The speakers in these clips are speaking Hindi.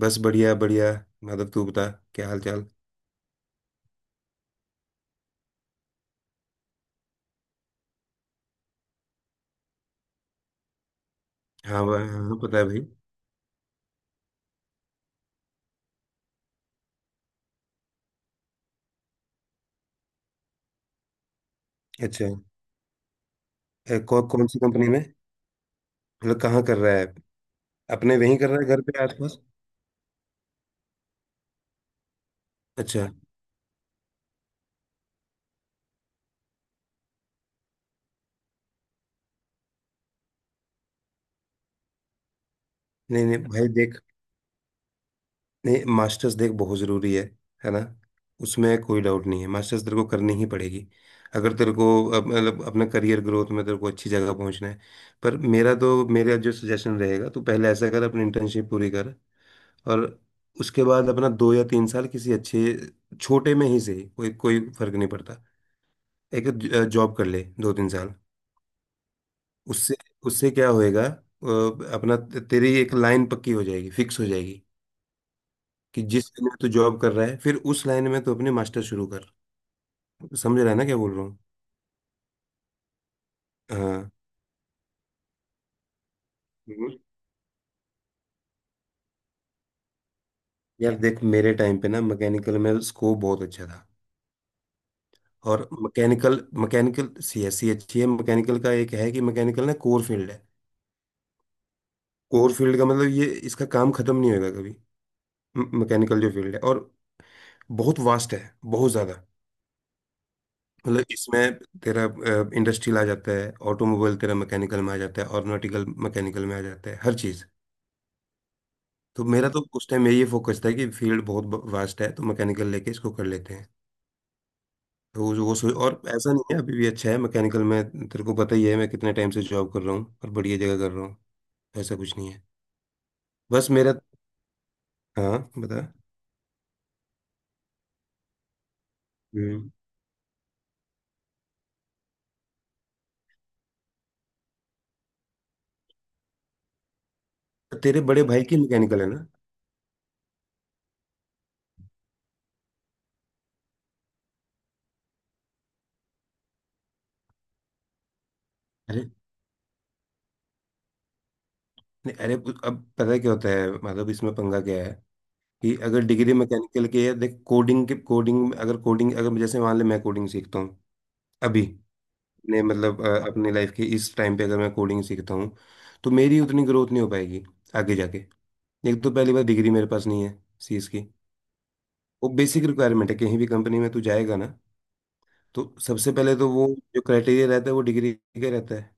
बस बढ़िया बढ़िया। माधव तू बता, क्या हाल चाल। हाँ भाई, हाँ पता है भाई। अच्छा। कौन सी कंपनी में, मतलब कहाँ कर रहा है। अपने वहीं कर रहा है घर पे आसपास। अच्छा। नहीं नहीं भाई देख। नहीं, मास्टर्स देख बहुत ज़रूरी है ना। उसमें कोई डाउट नहीं है, मास्टर्स तेरे को करनी ही पड़ेगी। अगर तेरे को मतलब अपने करियर ग्रोथ में तेरे को अच्छी जगह पहुंचना है। पर मेरा तो मेरा जो सजेशन रहेगा तो पहले ऐसा कर, अपनी इंटर्नशिप पूरी कर। और उसके बाद अपना 2 या 3 साल किसी अच्छे, छोटे में ही सही, कोई कोई फर्क नहीं पड़ता। एक जॉब कर ले दो तीन साल। उससे उससे क्या होएगा, अपना तेरी एक लाइन पक्की हो जाएगी, फिक्स हो जाएगी। कि जिस लाइन में तू जॉब कर रहा है फिर उस लाइन में तू अपने मास्टर शुरू कर। समझ रहा है ना क्या बोल रहा हूँ। हाँ। हम्म। यार देख, मेरे टाइम पे ना मैकेनिकल में स्कोप बहुत अच्छा था। और mechanical mechanical C S C अच्छी है, मैकेनिकल का एक है कि मैकेनिकल ना कोर फील्ड है। कोर फील्ड का मतलब ये, इसका काम खत्म नहीं होगा कभी। मैकेनिकल जो फील्ड है और बहुत वास्ट है, बहुत ज़्यादा। मतलब इसमें तेरा इंडस्ट्रियल आ जाता है, ऑटोमोबाइल तेरा मैकेनिकल में आ जाता है, ऑर्गेनाइटिकल मैकेनिकल में आ जाता है, हर चीज़। तो मेरा तो उस टाइम में ये फोकस था कि फील्ड बहुत वास्ट है तो मैकेनिकल लेके इसको कर लेते हैं। तो वो सोच, और ऐसा नहीं है, अभी भी अच्छा है मैकेनिकल में। तेरे को पता ही है मैं कितने टाइम से जॉब कर रहा हूँ और बढ़िया जगह कर रहा हूँ। ऐसा कुछ नहीं है। बस मेरा। हाँ बता। हम्म। तेरे बड़े भाई की मैकेनिकल है ना। नहीं अरे, अब पता है क्या होता है मतलब, इसमें पंगा क्या है। कि अगर डिग्री मैकेनिकल की है देख, कोडिंग अगर जैसे मान ले मैं कोडिंग सीखता हूँ। अभी ने मतलब, अपनी लाइफ के इस टाइम पे अगर मैं कोडिंग सीखता हूँ। तो मेरी उतनी ग्रोथ नहीं हो पाएगी आगे जाके। एक तो पहली बार डिग्री मेरे पास नहीं है सी एस की। वो बेसिक रिक्वायरमेंट है, कहीं भी कंपनी में तू जाएगा ना। तो सबसे पहले तो वो जो क्राइटेरिया रहता है वो डिग्री का रहता है।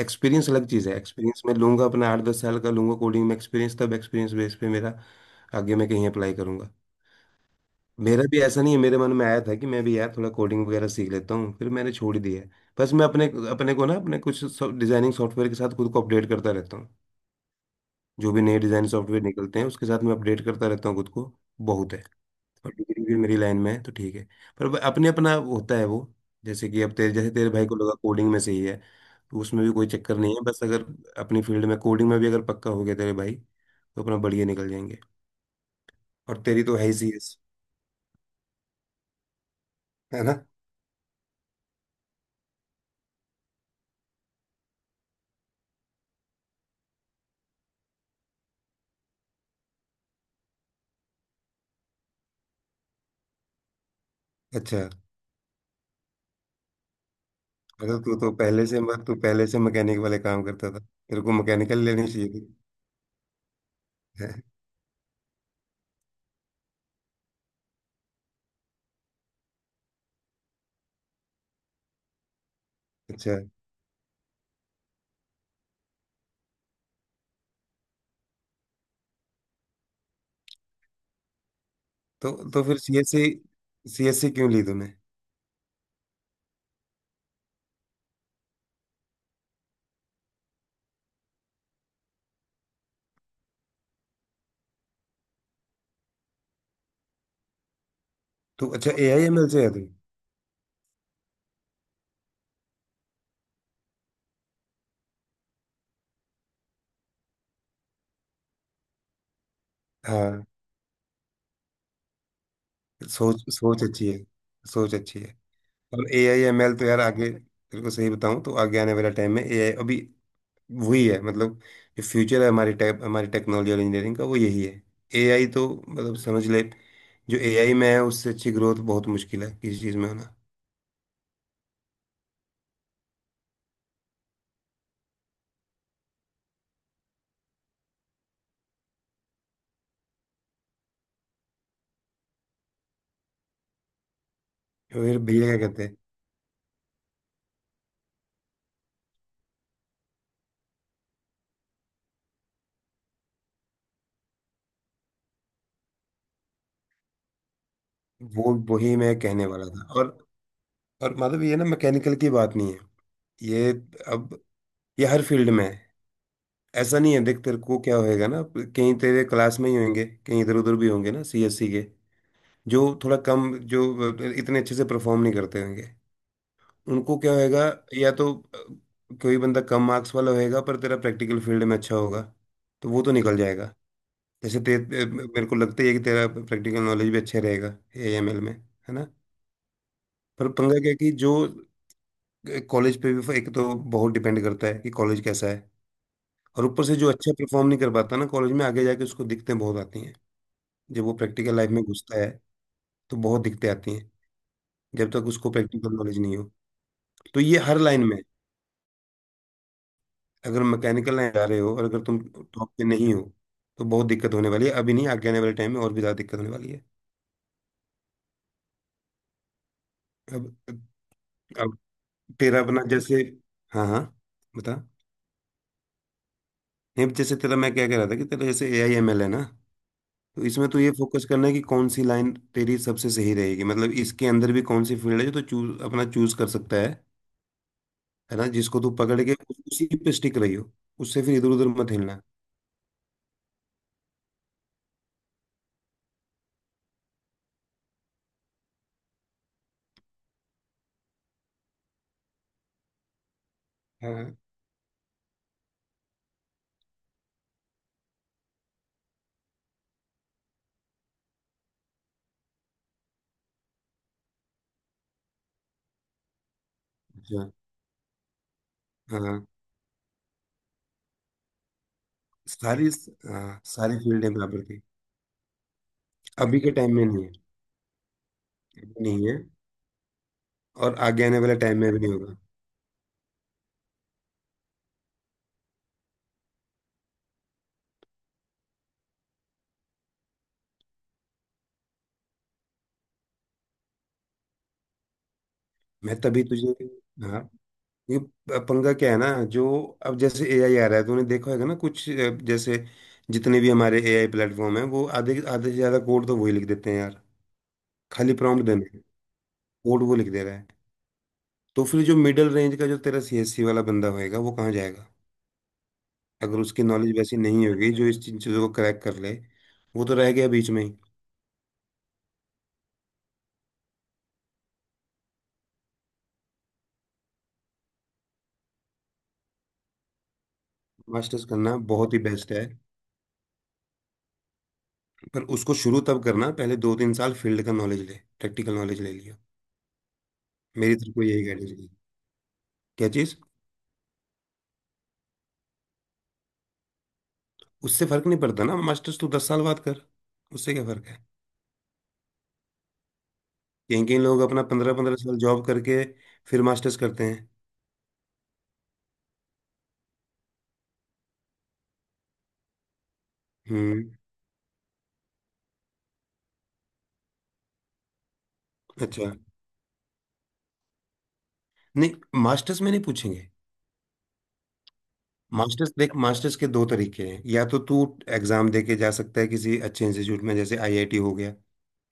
एक्सपीरियंस अलग चीज़ है, एक्सपीरियंस मैं लूंगा अपना 8-10 साल का, लूंगा कोडिंग में एक्सपीरियंस, तब एक्सपीरियंस बेस पे मेरा आगे मैं कहीं अप्लाई करूंगा। मेरा भी ऐसा नहीं है, मेरे मन में आया था कि मैं भी यार थोड़ा कोडिंग वगैरह सीख लेता हूँ, फिर मैंने छोड़ ही दिया है। बस मैं अपने अपने को ना अपने कुछ डिजाइनिंग सॉफ्टवेयर के साथ खुद को अपडेट करता रहता हूँ। जो भी नए डिजाइन सॉफ्टवेयर निकलते हैं उसके साथ मैं अपडेट करता रहता हूँ खुद को। बहुत है, और डिग्री भी मेरी लाइन में है तो ठीक है। पर अपने अपना होता है वो, जैसे कि अब तेरे जैसे तेरे भाई को लगा कोडिंग में सही है। तो उसमें भी कोई चक्कर नहीं है, बस अगर अपनी फील्ड में कोडिंग में भी अगर पक्का हो गया तेरे भाई तो अपना बढ़िया निकल जाएंगे। और तेरी तो है ही सीएस, है ना। अच्छा मतलब तू पहले से मैकेनिक वाले काम करता था, तेरे को मैकेनिकल लेनी चाहिए थी। है? अच्छा। तो फिर सीएससी सीएससी क्यों ली तूने। तू अच्छा ए आई एम एल से है तू। हाँ। सोच सोच अच्छी है, सोच अच्छी है। और ए आई एम एल तो यार आगे, तेरे को सही बताऊं तो आगे आने वाला टाइम में ए आई अभी वही है मतलब। जो फ्यूचर है हमारी टेक्नोलॉजी और इंजीनियरिंग का वो यही है। ए आई तो मतलब समझ ले, जो ए आई में है उससे अच्छी ग्रोथ बहुत मुश्किल है किसी चीज़ में होना। फिर भैया क्या कहते हैं। वो वही मैं कहने वाला था और मतलब ये ना, मैकेनिकल की बात नहीं है ये। अब, ये हर फील्ड में है। ऐसा नहीं है देख, तेरे को क्या होएगा ना, कहीं तेरे क्लास में ही होंगे कहीं इधर उधर भी होंगे ना सीएससी के। जो थोड़ा कम, जो इतने अच्छे से परफॉर्म नहीं करते होंगे, उनको क्या होएगा। या तो कोई बंदा कम मार्क्स वाला होएगा पर तेरा प्रैक्टिकल फील्ड में अच्छा होगा, तो वो तो निकल जाएगा। जैसे ते, ते- मेरे को लगता ही है कि तेरा प्रैक्टिकल नॉलेज भी अच्छा रहेगा एएमएल में, है ना। पर पंगा क्या है कि जो कॉलेज पे भी एक तो बहुत डिपेंड करता है कि कॉलेज कैसा है। और ऊपर से जो अच्छा परफॉर्म नहीं कर पाता ना कॉलेज में आगे जाके, उसको दिक्कतें बहुत आती हैं जब वो प्रैक्टिकल लाइफ में घुसता है। तो बहुत दिक्कतें आती हैं जब तक उसको प्रैक्टिकल नॉलेज नहीं हो। तो ये हर लाइन में है। अगर मैकेनिकल लाइन जा रहे हो और अगर तुम टॉप पे नहीं हो, तो बहुत दिक्कत होने वाली है, अभी नहीं आगे आने वाले टाइम में और भी ज्यादा दिक्कत होने वाली है। अब अब तेरा अपना जैसे, हाँ हाँ बता। नहीं जैसे तेरा, मैं क्या कह रहा था कि तेरा जैसे ए आई एम एल है ना। तो इसमें तो ये फोकस करना है कि कौन सी लाइन तेरी सबसे सही रहेगी, मतलब इसके अंदर भी कौन सी फील्ड है जो तो चूज, अपना चूज कर सकता है। है ना, जिसको तू पकड़ के उसी पे स्टिक रही हो। उससे फिर इधर उधर मत हिलना। हाँ अच्छा। हाँ हाँ। सारी, हाँ सारी फील्डें बराबर थी। अभी के टाइम में नहीं है, अभी नहीं है, और आगे आने वाले टाइम में भी नहीं होगा। मैं तभी तुझे, हाँ ये पंगा क्या है ना, जो अब जैसे एआई आ रहा है तूने देखा होगा ना कुछ, जैसे जितने भी हमारे एआई प्लेटफॉर्म है वो आधे आधे से ज्यादा कोड तो वही लिख देते हैं यार। खाली प्रॉम्प्ट देना है, कोड वो लिख दे रहा है। तो फिर जो मिडिल रेंज का जो तेरा सीएससी वाला बंदा होएगा वो कहाँ जाएगा। अगर उसकी नॉलेज वैसी नहीं होगी जो इस चीज़ों को क्रैक कर ले, वो तो रह गया बीच में ही। मास्टर्स करना बहुत ही बेस्ट है, पर उसको शुरू तब करना पहले 2-3 साल फील्ड का नॉलेज ले, प्रैक्टिकल नॉलेज ले लिया। मेरी तरफ को यही गाइडेंस दी, क्या चीज़। उससे फर्क नहीं पड़ता ना, मास्टर्स तू 10 साल बाद कर, उससे क्या फर्क है। कहीं कहीं लोग अपना 15-15 साल जॉब करके फिर मास्टर्स करते हैं। हम्म। अच्छा। नहीं, मास्टर्स में नहीं पूछेंगे। मास्टर्स देख, मास्टर्स के दो तरीके हैं, या तो तू एग्जाम दे के जा सकता है किसी अच्छे इंस्टीट्यूट में जैसे आईआईटी हो गया,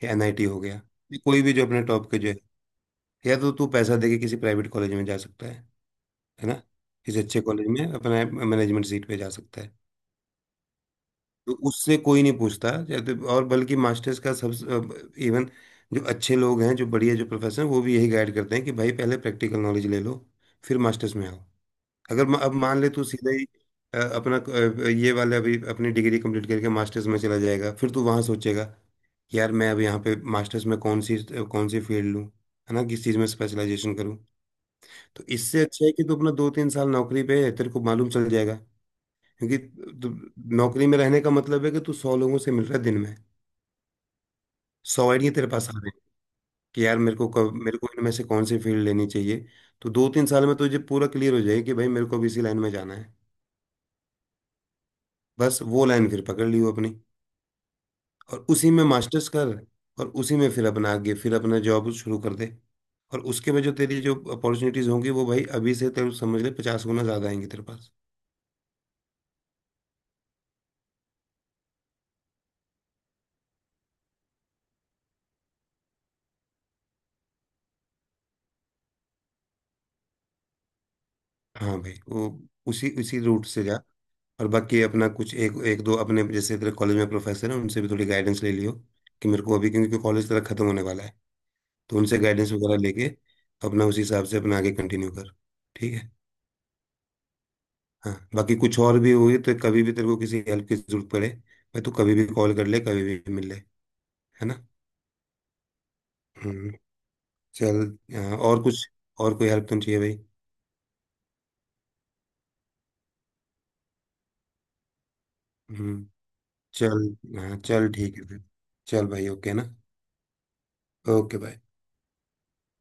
या एनआईटी हो गया, या कोई भी जो अपने टॉप के जो है। या तो तू पैसा दे के किसी प्राइवेट कॉलेज में जा सकता है ना, किसी अच्छे कॉलेज में अपना मैनेजमेंट सीट पे जा सकता है। तो उससे कोई नहीं पूछता और बल्कि मास्टर्स का सब, इवन, जो अच्छे लोग हैं जो बढ़िया जो प्रोफेसर हैं वो भी यही गाइड करते हैं कि भाई पहले प्रैक्टिकल नॉलेज ले लो, फिर मास्टर्स में आओ। अगर म- अब मान ले तू सीधा ही, अपना ये वाला अभी अपनी डिग्री कंप्लीट करके मास्टर्स में चला जाएगा, फिर तू वहाँ सोचेगा, यार मैं अब यहाँ पे मास्टर्स में कौन सी फील्ड लूँ, है ना, किस चीज़ में स्पेशलाइजेशन करूँ। तो इससे अच्छा है कि तू अपना 2-3 साल नौकरी पे है, तेरे को मालूम चल जाएगा। क्योंकि तु- नौकरी में रहने का मतलब है कि तू 100 लोगों से मिल रहा है दिन में। 100 आइडिया तेरे पास आ रहे हैं, कि यार मेरे को इनमें से कौन सी फील्ड लेनी चाहिए। तो 2-3 साल में तुझे पूरा क्लियर हो जाएगा कि भाई मेरे को भी इसी लाइन में जाना है। बस वो लाइन फिर पकड़ लियो अपनी, और उसी में मास्टर्स कर। और उसी में फिर अपना आगे फिर अपना जॉब शुरू कर दे। और उसके में जो तेरी जो अपॉर्चुनिटीज होंगी वो भाई अभी से तेरे को समझ ले, 50 गुना ज्यादा आएंगी तेरे पास। हाँ भाई वो उसी उसी रूट से जा। और बाकी अपना कुछ एक एक दो अपने जैसे तेरे कॉलेज में प्रोफेसर हैं उनसे भी थोड़ी गाइडेंस ले लियो, कि मेरे को अभी, क्योंकि कॉलेज तेरा खत्म होने वाला है। तो उनसे गाइडेंस वगैरह लेके अपना उसी हिसाब से अपना आगे कंटिन्यू कर। ठीक है। हाँ, बाकी कुछ और भी हुई तो कभी भी तेरे को किसी हेल्प की जरूरत पड़े भाई तू कभी भी कॉल कर ले कभी भी मिल ले, है ना। हम्म। चल। हाँ, और कुछ, और कोई हेल्प तो नहीं चाहिए भाई। हम्म। चल हाँ चल ठीक है फिर। चल भाई ओके ना। ओके भाई।